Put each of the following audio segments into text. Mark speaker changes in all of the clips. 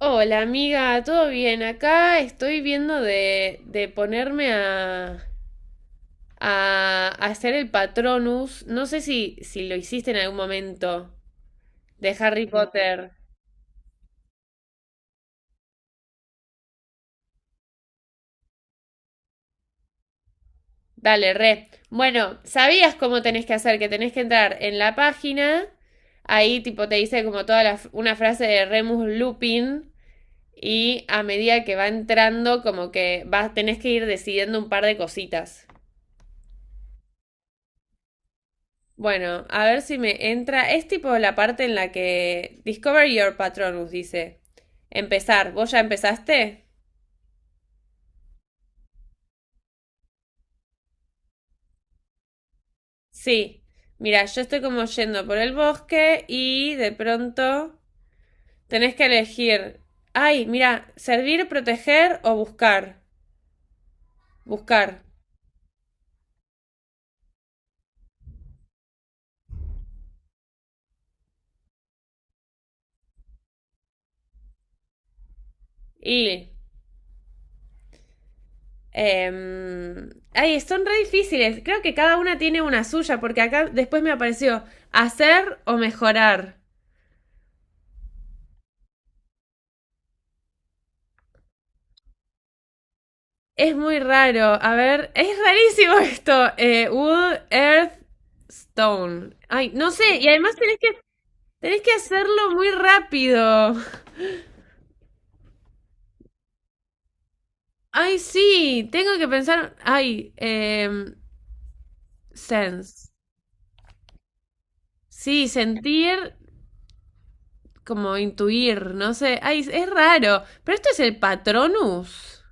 Speaker 1: Hola amiga, ¿todo bien? Acá estoy viendo de ponerme a hacer el Patronus. No sé si lo hiciste en algún momento de Harry No. Potter. Dale, re. Bueno, sabías cómo tenés que hacer, que tenés que entrar en la página. Ahí tipo te dice como toda una frase de Remus Lupin y a medida que va entrando como que vas, tenés que ir decidiendo un par de cositas. Bueno, a ver si me entra. Es tipo la parte en la que Discover Your Patronus dice. Empezar. ¿Vos ya empezaste? Sí. Mira, yo estoy como yendo por el bosque y de pronto tenés que elegir. Ay, mira, servir, proteger o buscar. Buscar. Y... Ay, son re difíciles. Creo que cada una tiene una suya porque acá después me apareció hacer o mejorar. Es muy raro. A ver, es rarísimo esto. Wood, Earth, Stone. Ay, no sé. Y además tenés que hacerlo muy rápido. Ay, sí. Tengo que pensar. Sense. Sí, sentir como intuir. No sé. Ay, es raro. Pero esto es el Patronus.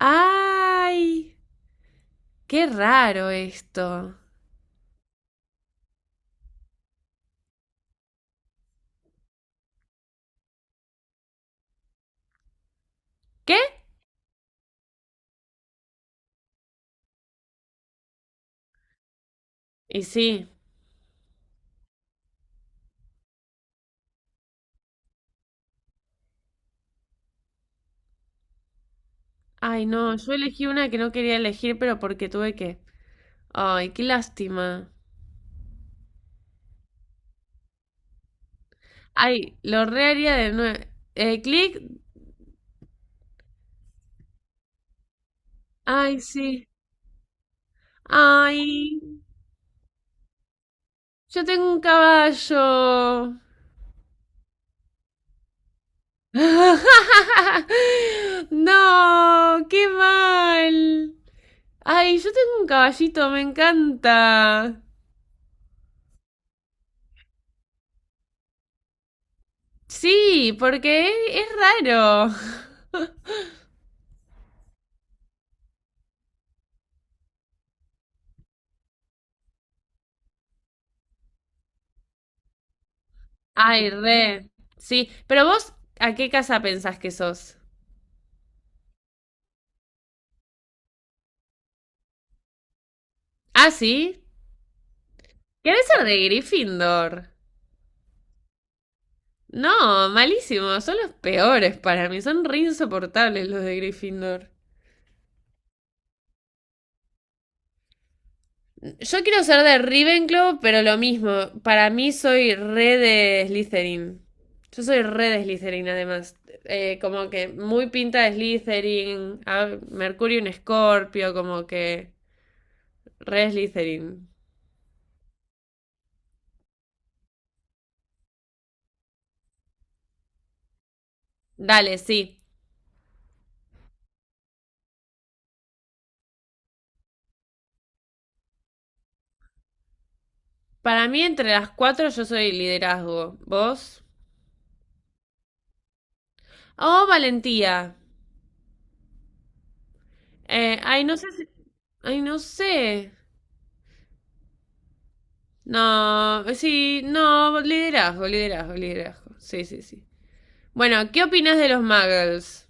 Speaker 1: Ay, qué raro esto. ¿Qué? Y sí. Ay, no. Yo elegí una que no quería elegir, pero porque tuve que. Ay, qué lástima. Ay, lo reharía de nuevo. Clic. Ay, sí. Ay, yo tengo un caballo. No, qué mal. Ay, yo tengo un caballito, me encanta. Sí, es raro. Ay, re. Sí, pero vos, ¿a qué casa pensás que sos? Ah, sí. ¿Querés ser de Gryffindor? No, malísimo. Son los peores para mí. Son re insoportables los de Gryffindor. Yo quiero ser de Ravenclaw, pero lo mismo. Para mí soy re de Slytherin. Yo soy re de Slytherin, además. Como que muy pinta de Slytherin. Mercurio un Escorpio, como que re Slytherin. Dale, sí. Para mí, entre las cuatro, yo soy liderazgo. ¿Vos? Oh, valentía. No sé si... Ay, no sé. No, sí, no, liderazgo, liderazgo, liderazgo. Sí, sí, sí. Bueno, ¿qué opinas de los muggles?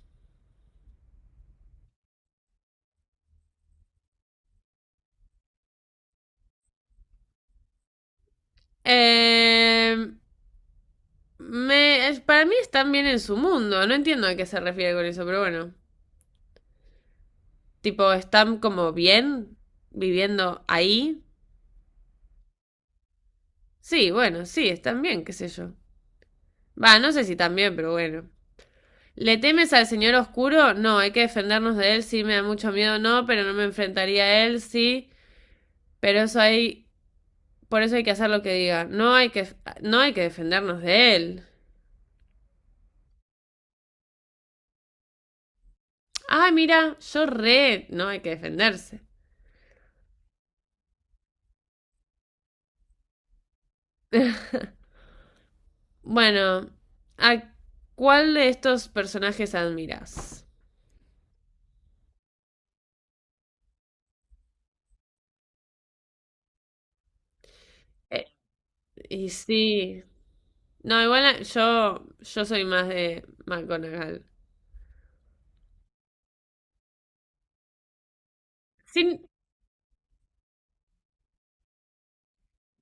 Speaker 1: Eh, para mí están bien en su mundo. No entiendo a qué se refiere con eso, pero bueno. Tipo, están como bien viviendo ahí. Sí, bueno, sí, están bien, qué sé yo. Va, no sé si están bien, pero bueno. ¿Le temes al señor oscuro? No, hay que defendernos de él. Sí, me da mucho miedo, no, pero no me enfrentaría a él, sí. Pero eso hay Por eso hay que hacer lo que diga. No hay que defendernos de él. Ah, mira, yo re. No hay que defenderse. Bueno, ¿a cuál de estos personajes admiras? Eh, y sí. No, yo soy más de McGonagall. Sin, Yo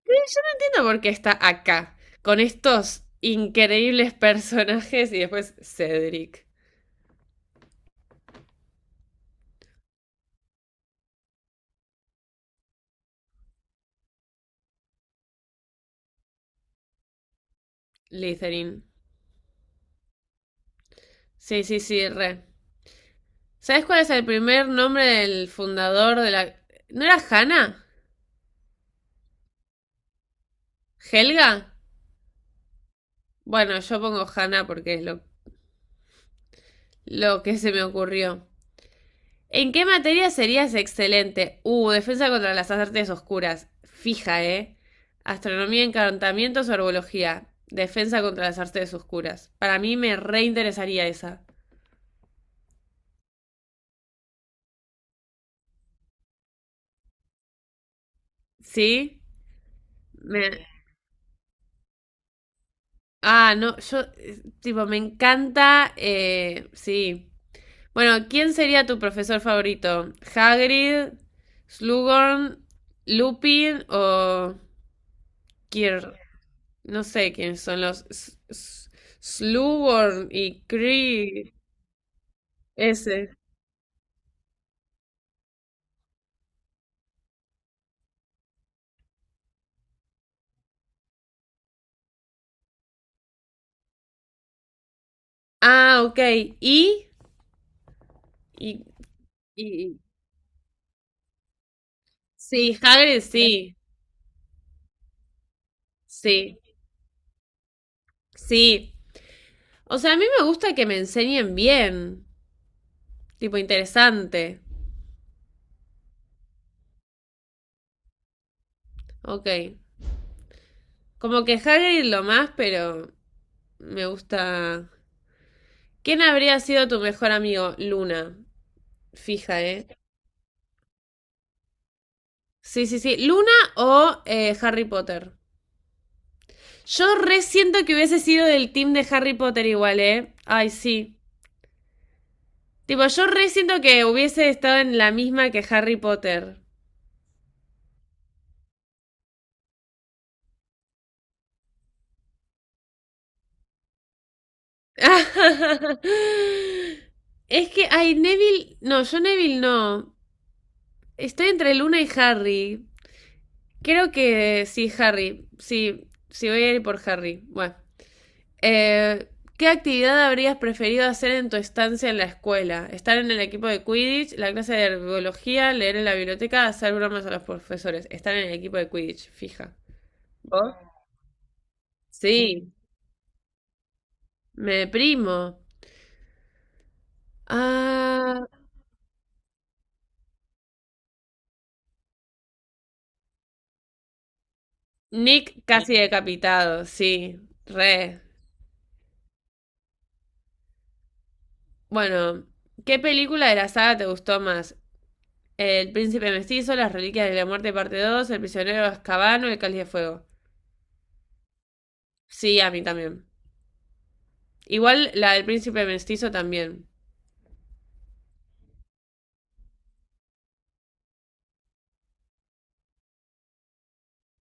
Speaker 1: no entiendo por qué está acá, con estos increíbles personajes y después Cedric. Litherin. Sí, sí, sí, re. ¿Sabes cuál es el primer nombre del fundador de la... ¿No era Hanna? ¿Helga? Bueno, yo pongo Hanna porque es lo que se me ocurrió. ¿En qué materia serías excelente? Defensa contra las artes oscuras. Fija, ¿eh? Astronomía, encantamientos o herbología. Defensa contra las artes oscuras. Para mí me reinteresaría esa. ¿Sí? Me... Ah, no, yo, Tipo, me encanta, sí. Bueno, ¿quién sería tu profesor favorito? ¿Hagrid, Slughorn, Lupin o Kir? No sé quiénes son los Slughorn y Cree. Ese. Ah, ok. ¿Y? Y, y- sí, Hagrid sí. Sí. Sí. O sea, a mí me gusta que me enseñen bien. Tipo interesante. Ok. Como que Hagrid lo más, pero me gusta. ¿Quién habría sido tu mejor amigo? Luna. Fija, ¿eh? Sí, sí, sí. ¿Luna o Harry Potter? Yo re siento que hubiese sido del team de Harry Potter igual, ¿eh? Ay, sí. Tipo, yo re siento que hubiese estado en la misma que Harry Potter. Es que, ay, Neville. No, yo Neville no. Estoy entre Luna y Harry. Creo que sí, Harry. Sí, sí, voy a ir por Harry. Bueno. Eh, ¿Qué actividad habrías preferido hacer en tu estancia en la escuela? ¿Estar en el equipo de Quidditch, la clase de herbología, leer en la biblioteca, hacer bromas a los profesores? Estar en el equipo de Quidditch, fija. ¿Vos? Sí, me deprimo. Ah, Nick casi decapitado, sí, re. Bueno, ¿qué película de la saga te gustó más? El Príncipe Mestizo, Las Reliquias de la Muerte, parte 2, El Prisionero de Azkaban o El Cáliz de Fuego. Sí, a mí también. Igual la del príncipe mestizo también.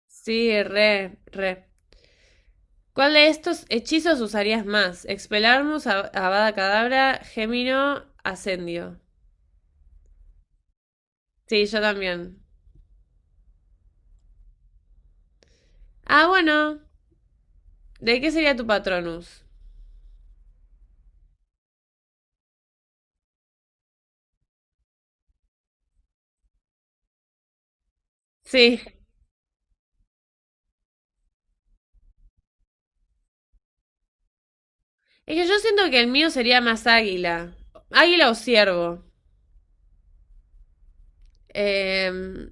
Speaker 1: Sí, re, re. ¿Cuál de estos hechizos usarías más? Expelarmus, Avada Cadabra, Gémino, Ascendio. Sí, yo también. Ah, bueno. ¿De qué sería tu Patronus? Sí. Es que yo siento que el mío sería más águila. Águila o ciervo. Em,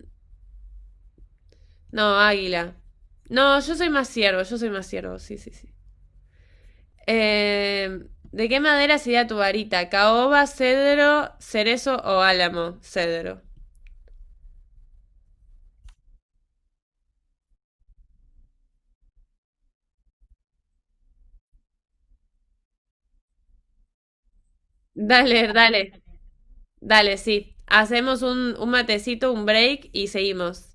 Speaker 1: no, águila. No, yo soy más ciervo, sí, sí, sí. Eh, ¿De qué madera sería tu varita? ¿Caoba, cedro, cerezo o álamo? Cedro. Dale, dale, dale, sí. Hacemos un matecito, un break y seguimos.